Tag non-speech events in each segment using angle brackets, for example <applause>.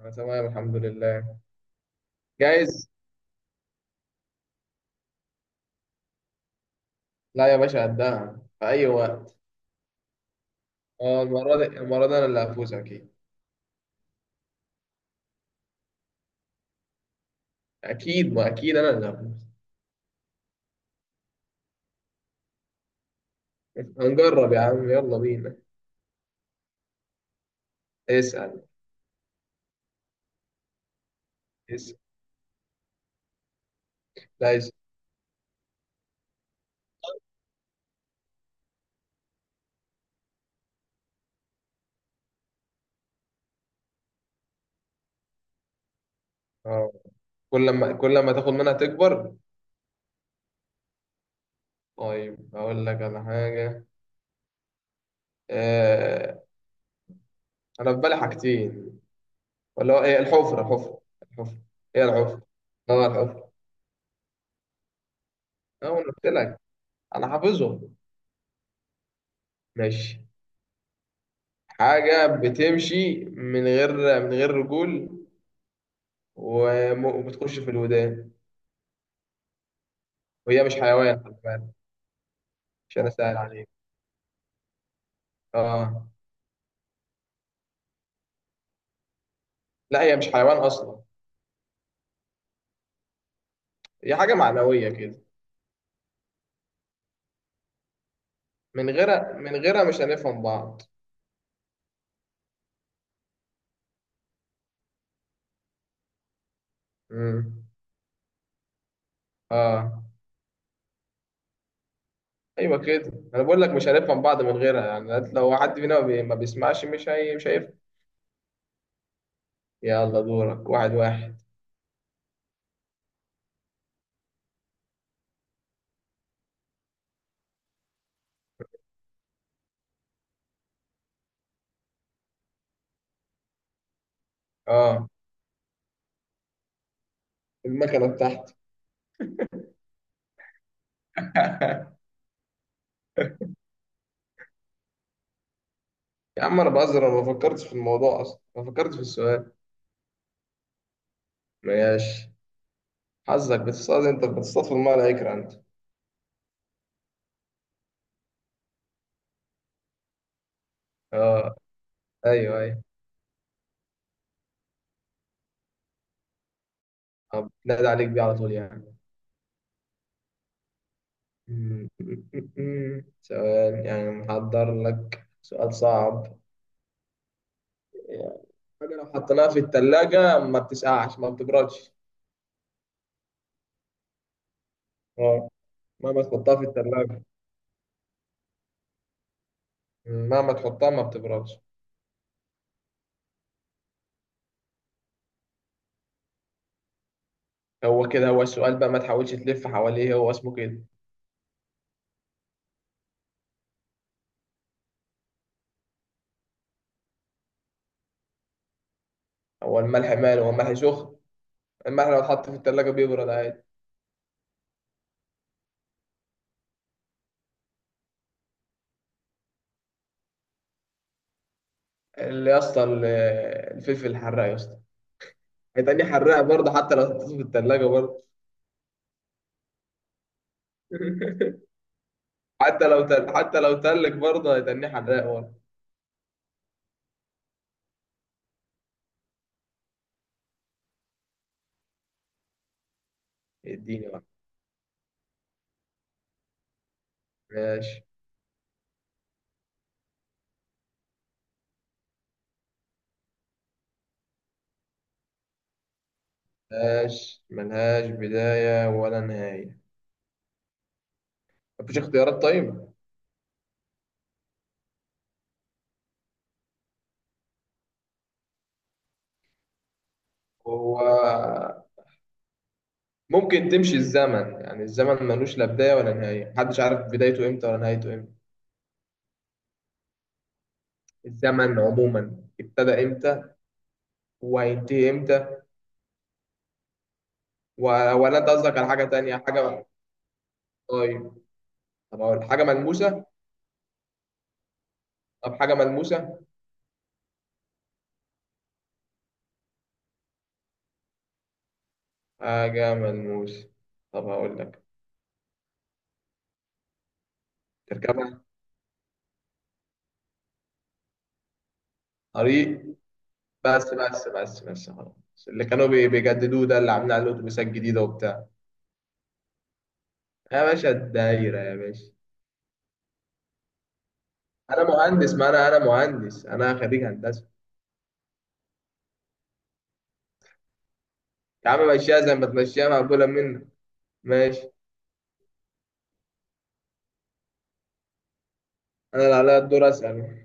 أنا تمام، الحمد لله. جايز. لا يا باشا، قدها في أي وقت. أه، المرة دي المرة دي أنا اللي هفوز أكيد. أكيد، ما أكيد أنا اللي هفوز. هنجرب يا عم، يلا بينا. اسأل. اسأل. لا، اسأل. أه. كل ما تاخد منها تكبر. طيب أقول لك على حاجة. أه. أنا في بالي حاجتين. ولا هو إيه؟ الحفرة؟ الحفرة. الحفرة. هي الحفرة. أه، الحفرة. أه، أنا قلت لك. أنا حافظهم. ماشي. حاجة بتمشي من غير رجول، وبتخش في الودان. وهي مش حيوان، خلي بالك. عشان اسهل عليك. اه. لا، هي مش حيوان اصلا. هي حاجه معنويه كده. من غيرها مش هنفهم بعض. امم اه. ايوه كده، انا بقول لك مش هنفهم بعض من غيرها. يعني أنت لو حد فينا ما بيسمعش، مش هيفهم. يلا دورك. واحد واحد. اه. المكنه بتاعتي. <laughs> يا عم انا بهزر، انا ما فكرتش في الموضوع اصلا، ما فكرتش في السؤال. ماشي. حظك. بتصطاد، انت بتصطاد في الميه لا يكرهك انت. اه. ايوه، أيوة. طب نادى عليك بيه على طول يعني. <laughs> م- م- م- سؤال يعني؟ محضر لك سؤال صعب. حاجة لو حطيناها في التلاجة ما بتسقعش، ما بتبردش. اه. مهما تحطها في التلاجة، مهما تحطها ما بتبردش. هو كده، هو السؤال بقى، ما تحاولش تلف حواليه، هو اسمه كده. هو الملح ماله؟ هو الملح سخن؟ الملح لو اتحط في التلاجة بيبرد عادي. اللي يا اسطى، الفلفل الحراق يا اسطى. هيتقال لي حراق برضه حتى لو اتحط في التلاجة برضه. <laughs> حتى لو تلك برضه هيتني حراق ورا. اديني واحد. ماشي. ملهاش بداية ولا نهاية. مفيش اختيارات؟ طيب. هو ممكن تمشي الزمن، يعني الزمن ملوش لا بداية ولا نهاية، محدش عارف بدايته امتى ولا نهايته امتى. الزمن عموما ابتدى امتى؟ وهينتهي امتى؟ و... ولا انت قصدك على حاجة تانية؟ حاجة. طيب. طب هقول حاجة ملموسة. طب حاجة ملموسة. حاجة ملموسة. طب هقول لك. تركبها؟ طريق. بس بس بس بس، خلاص. اللي كانوا بيجددوه ده، اللي عاملين عليه الاتوبيسات الجديده وبتاع. يا باشا الدايره يا باشا. انا مهندس، ما انا مهندس، انا خريج هندسه. يا عم مشيها زي ما تمشيها، مقبوله منك. ماشي. انا اللي عليا الدور اسال.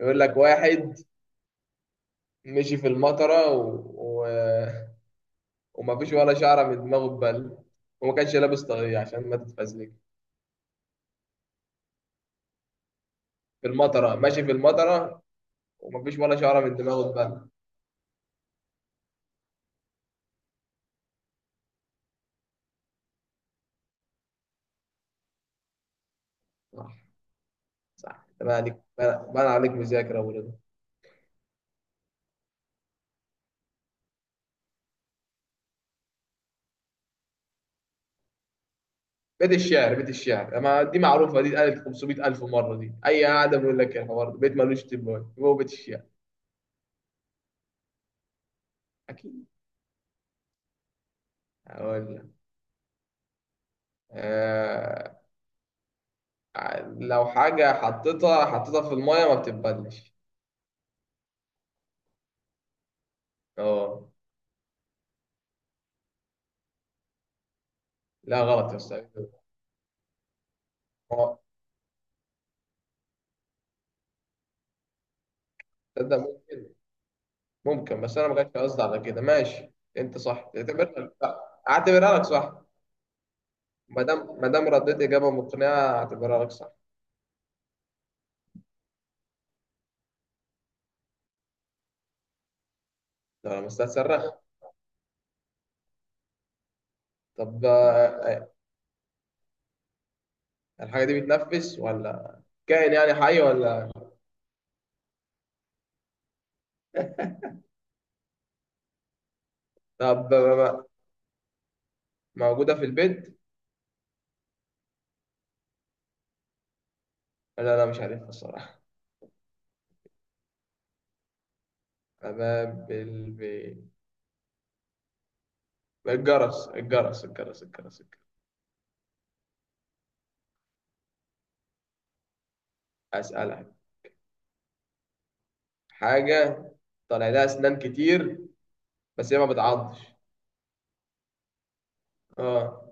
يقول لك واحد مشي في المطره ومفيش ولا شعره من دماغه اتبل، وما كانش لابس طاقيه عشان ما تتفزلك. في المطره، ماشي في المطره، ومفيش ولا شعره من دماغه اتبل. صح. صح، انت بقى عليك، بقى عليك مذاكره. بيت الشعر، بيت الشعر، ما دي معروفه، دي اتقالت 500000 مره، دي اي قاعده بيقول لك الحوار ده بيت ملوش تبان، هو بيت الشعر. اكيد. هقول لك. آه... لو حاجه حطيتها في الميه ما بتتبلش. اه. لا، غلط يا استاذ. آه، تصدق ممكن. ممكن، بس انا ما كانش قصدي على كده. ماشي، انت صح، اعتبرها لك صح. اعتبرها لك صح. ما دام رديت اجابه مقنعه، اعتبرها لك صح. ده انا مستسرخ. طب. الحاجه دي بتنفس ولا؟ كائن يعني حي ولا؟ طب بقى، موجودة في البيت؟ لا لا، مش عارفها الصراحة. باب البيت. الجرس الجرس الجرس الجرس الجرس. أسألك حاجة. طالع لها أسنان كتير بس هي ما بتعضش. اه.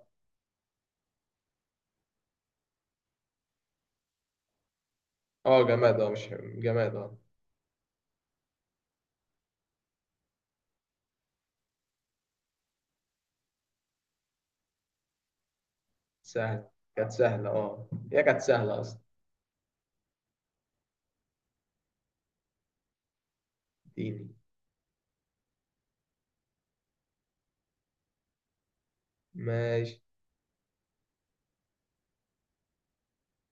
اه جماد، اه مش جماد اه. سهل. كانت سهلة، اه هي كانت سهلة أصلا. اديني. ماشي.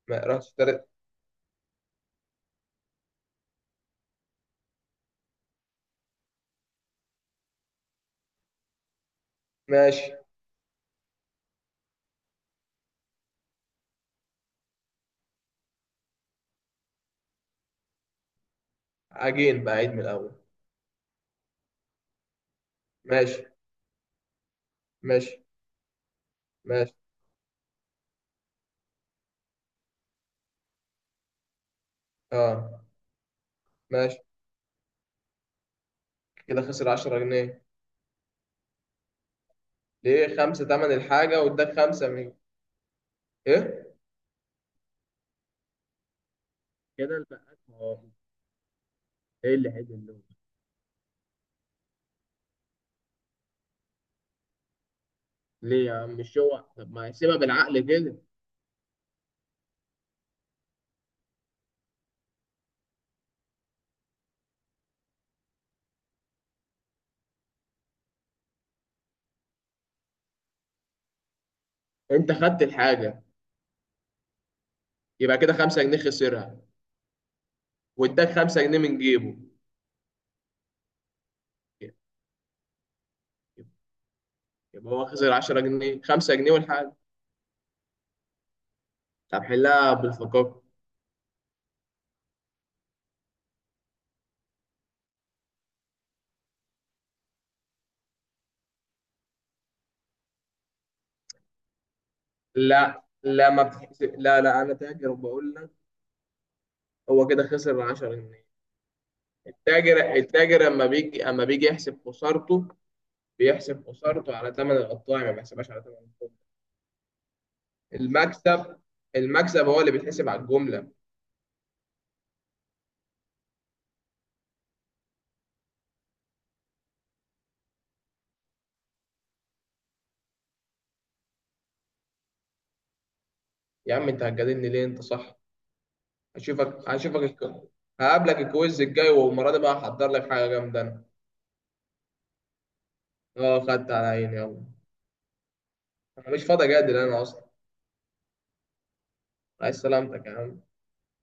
ما رحت اشتريت. ماشي. عجين بقى، عيد من الأول. ماشي. ماشي. ماشي. اه. ماشي. كده خسر 10 جنيه. ليه؟ خمسة تمن الحاجة واداك خمسة من. ايه كده البقال؟ ما هو ايه اللي هيدي اللون؟ ليه يا عم؟ مش هو؟ طب ما يحسبها بالعقل كده. انت خدت الحاجه، يبقى كده 5 جنيه خسرها، واداك 5 جنيه من جيبه، يبقى. يبقى هو خسر 10 جنيه، 5 جنيه والحاجه. طب حلها بالفقاقه. لا لا، ما بتحسب. لا لا، انا تاجر وبقول لك. هو كده خسر 10 جنيه. التاجر اما بيجي، يحسب خسارته، بيحسب خسارته على ثمن القطاع ما بيحسبهاش على ثمن المكسب. المكسب هو اللي بيتحسب على الجمله. يا عم انت هتجادلني ليه؟ انت صح. هشوفك هقابلك الكويز الجاي، والمره دي بقى هحضر لك حاجه جامده انا. اه، خدت على عيني، يلا. انا مش فاضي اجادل انا اصلا. عايز سلامتك يا عم.